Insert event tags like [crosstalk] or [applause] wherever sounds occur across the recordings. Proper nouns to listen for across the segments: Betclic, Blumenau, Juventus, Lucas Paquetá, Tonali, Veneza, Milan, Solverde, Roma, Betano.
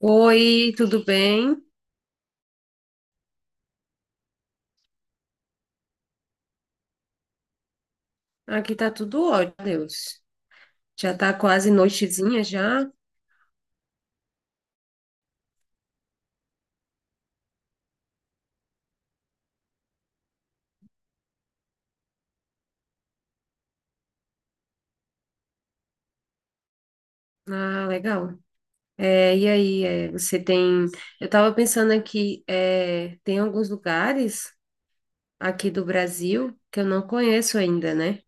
Oi, tudo bem? Aqui tá tudo ótimo, Deus. Já tá quase noitezinha já. Ah, legal. Você tem. Eu tava pensando aqui, tem alguns lugares aqui do Brasil que eu não conheço ainda, né?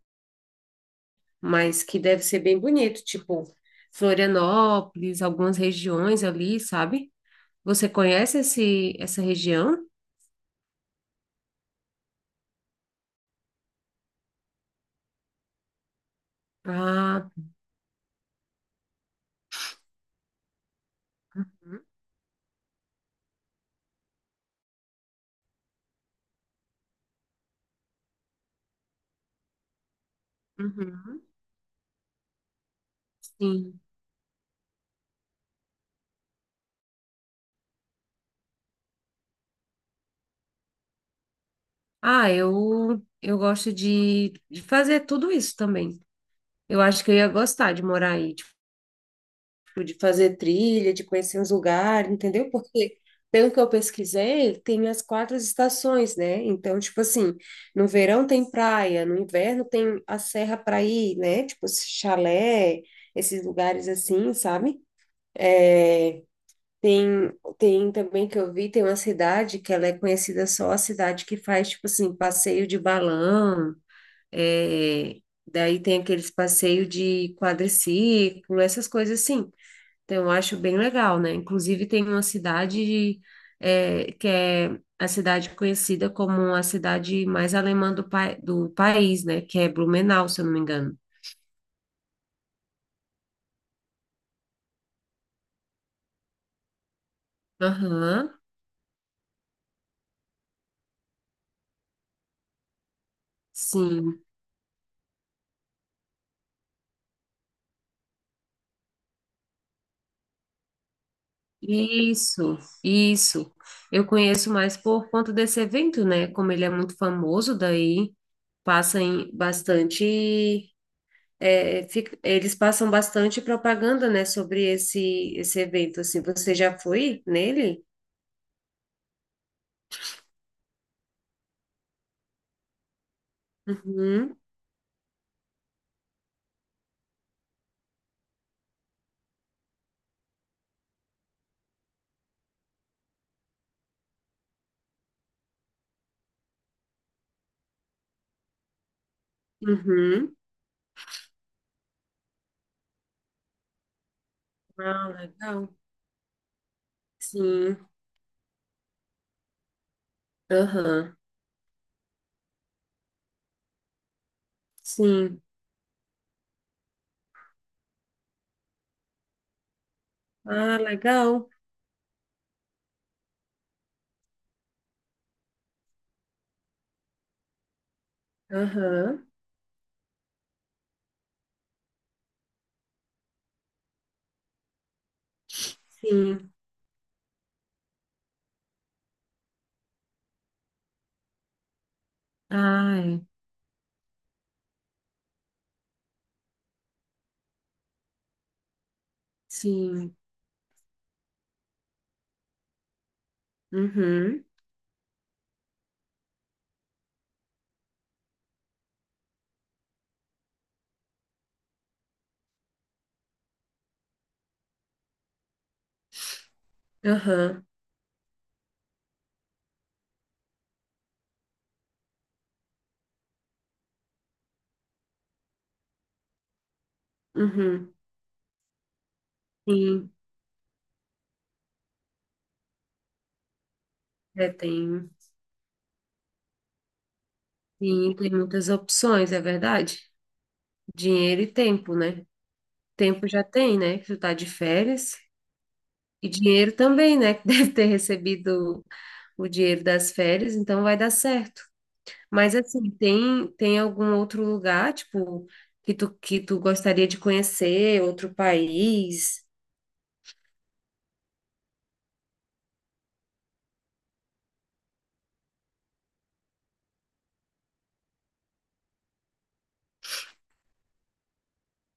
Mas que deve ser bem bonito, tipo Florianópolis, algumas regiões ali, sabe? Você conhece essa região? Ah, uhum, uhum, sim. Ah, eu gosto de fazer tudo isso também. Eu acho que eu ia gostar de morar aí, tipo, de fazer trilha, de conhecer os lugares, entendeu? Porque, pelo que eu pesquisei, tem as quatro estações, né? Então, tipo assim, no verão tem praia, no inverno tem a serra para ir, né? Tipo, chalé, esses lugares assim, sabe? É, tem, tem também que eu vi, tem uma cidade que ela é conhecida só a cidade que faz, tipo assim, passeio de balão. É, daí tem aqueles passeios de quadriciclo, essas coisas assim. Então, eu acho bem legal, né? Inclusive, tem uma cidade que é a cidade conhecida como a cidade mais alemã do país, né? Que é Blumenau, se eu não me engano. Aham, sim. Isso, isso. Eu conheço mais por conta desse evento, né? Como ele é muito famoso, daí passa em bastante. Eles passam bastante propaganda, né, sobre esse evento, assim. Você já foi nele? Uhum, uhum. Ah, legal. Sim. Aham. Sim. Ah, legal. Aham. Sim. Ai, sim. Uhum. Aham. Uhum. Sim. É, tem. Sim, tem muitas opções, é verdade? Dinheiro e tempo, né? Tempo já tem, né? Que tu tá de férias. E dinheiro também, né? Que [laughs] deve ter recebido o dinheiro das férias, então vai dar certo. Mas assim, tem tem algum outro lugar, tipo, que tu gostaria de conhecer, outro país?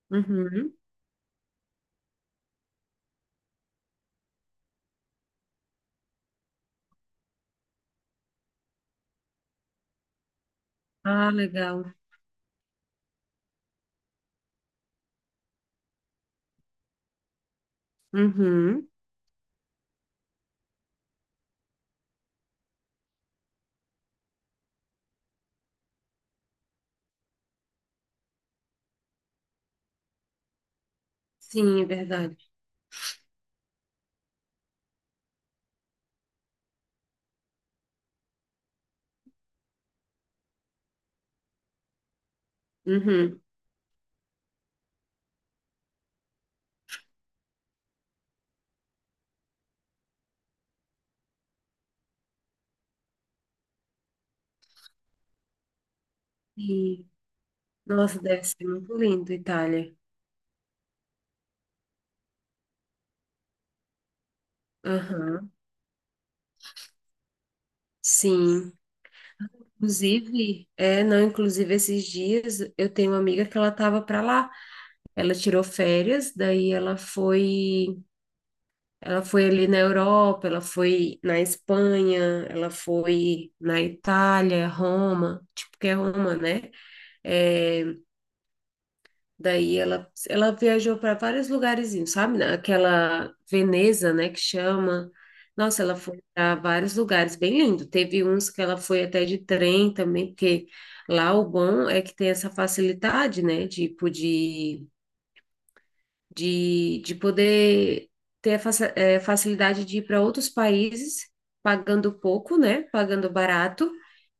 Uhum. Ah, legal. Uhum. Sim, é verdade. Uhum. Sim. Nossa, deve ser muito lindo, Itália. Aham. Sim. Inclusive, não, inclusive esses dias eu tenho uma amiga que ela estava para lá. Ela tirou férias, daí ela foi ali na Europa, ela foi na Espanha, ela foi na Itália, Roma, tipo que é Roma, né? É, daí ela viajou para vários lugarzinhos, sabe? Aquela Veneza, né, que chama. Nossa, ela foi para vários lugares, bem lindo. Teve uns que ela foi até de trem também, porque lá o bom é que tem essa facilidade, né, tipo de poder ter a facilidade de ir para outros países, pagando pouco, né? Pagando barato,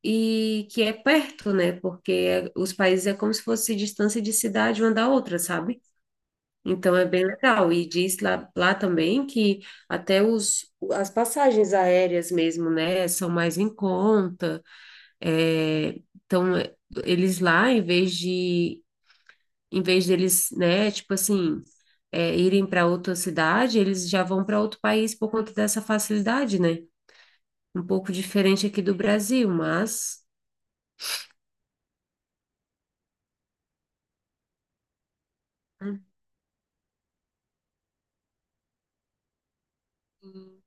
e que é perto, né? Porque é, os países é como se fosse distância de cidade uma da outra, sabe? Então é bem legal. E diz lá, lá também que até as passagens aéreas mesmo, né? São mais em conta. eh, então, eh, Eles lá, em vez de em vez deles, né, tipo assim, irem para outra cidade, eles já vão para outro país por conta dessa facilidade, né? Um pouco diferente aqui do Brasil, mas. Uhum,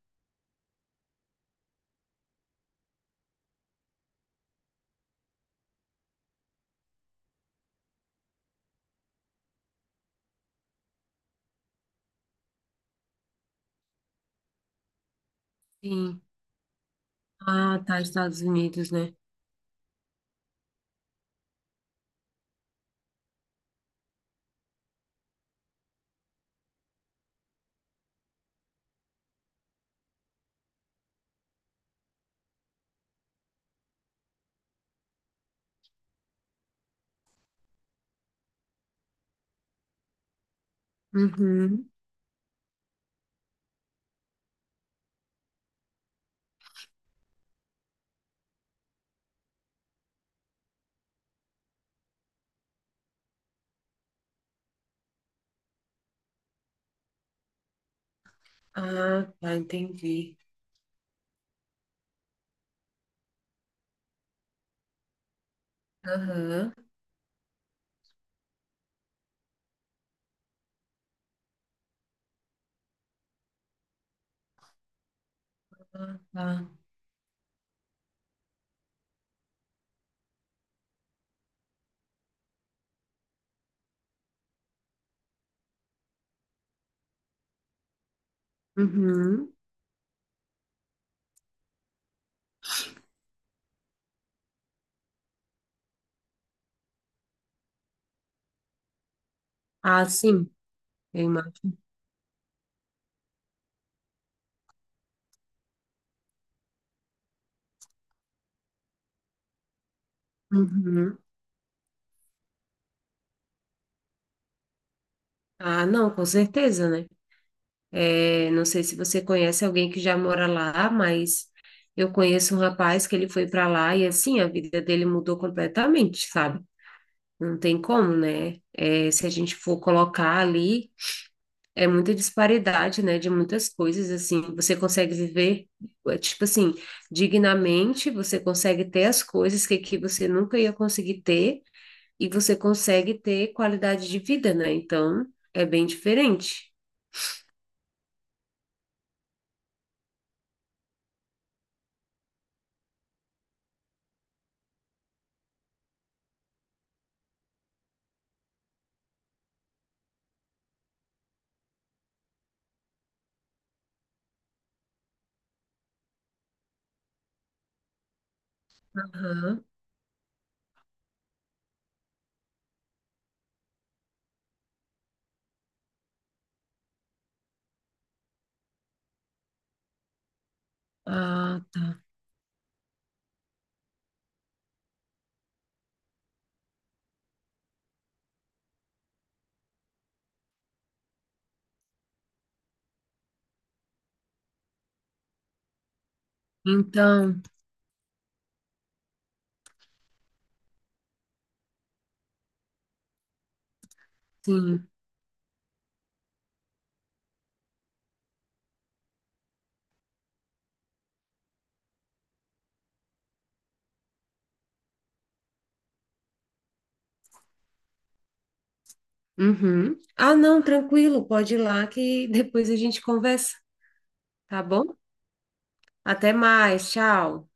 sim. Ah, tá, Estados Unidos, né? Uhum. Ah, tá, entendi. Aham. Ah, tá. Uhum. Ah, sim, eu imagino. Uhum. Ah, não, com certeza, né? Eu não sei se você conhece alguém que já mora lá, mas eu conheço um rapaz que ele foi para lá e assim a vida dele mudou completamente, sabe? Não tem como, né? É, se a gente for colocar ali, é muita disparidade, né? De muitas coisas, assim, você consegue viver, é, tipo assim, dignamente, você consegue ter as coisas que aqui você nunca ia conseguir ter e você consegue ter qualidade de vida, né? Então, é bem diferente. Aham. Ah, tá. Então, sim. Uhum. Ah, não, tranquilo, pode ir lá que [laughs] depois a gente conversa, tá bom? Até mais, tchau.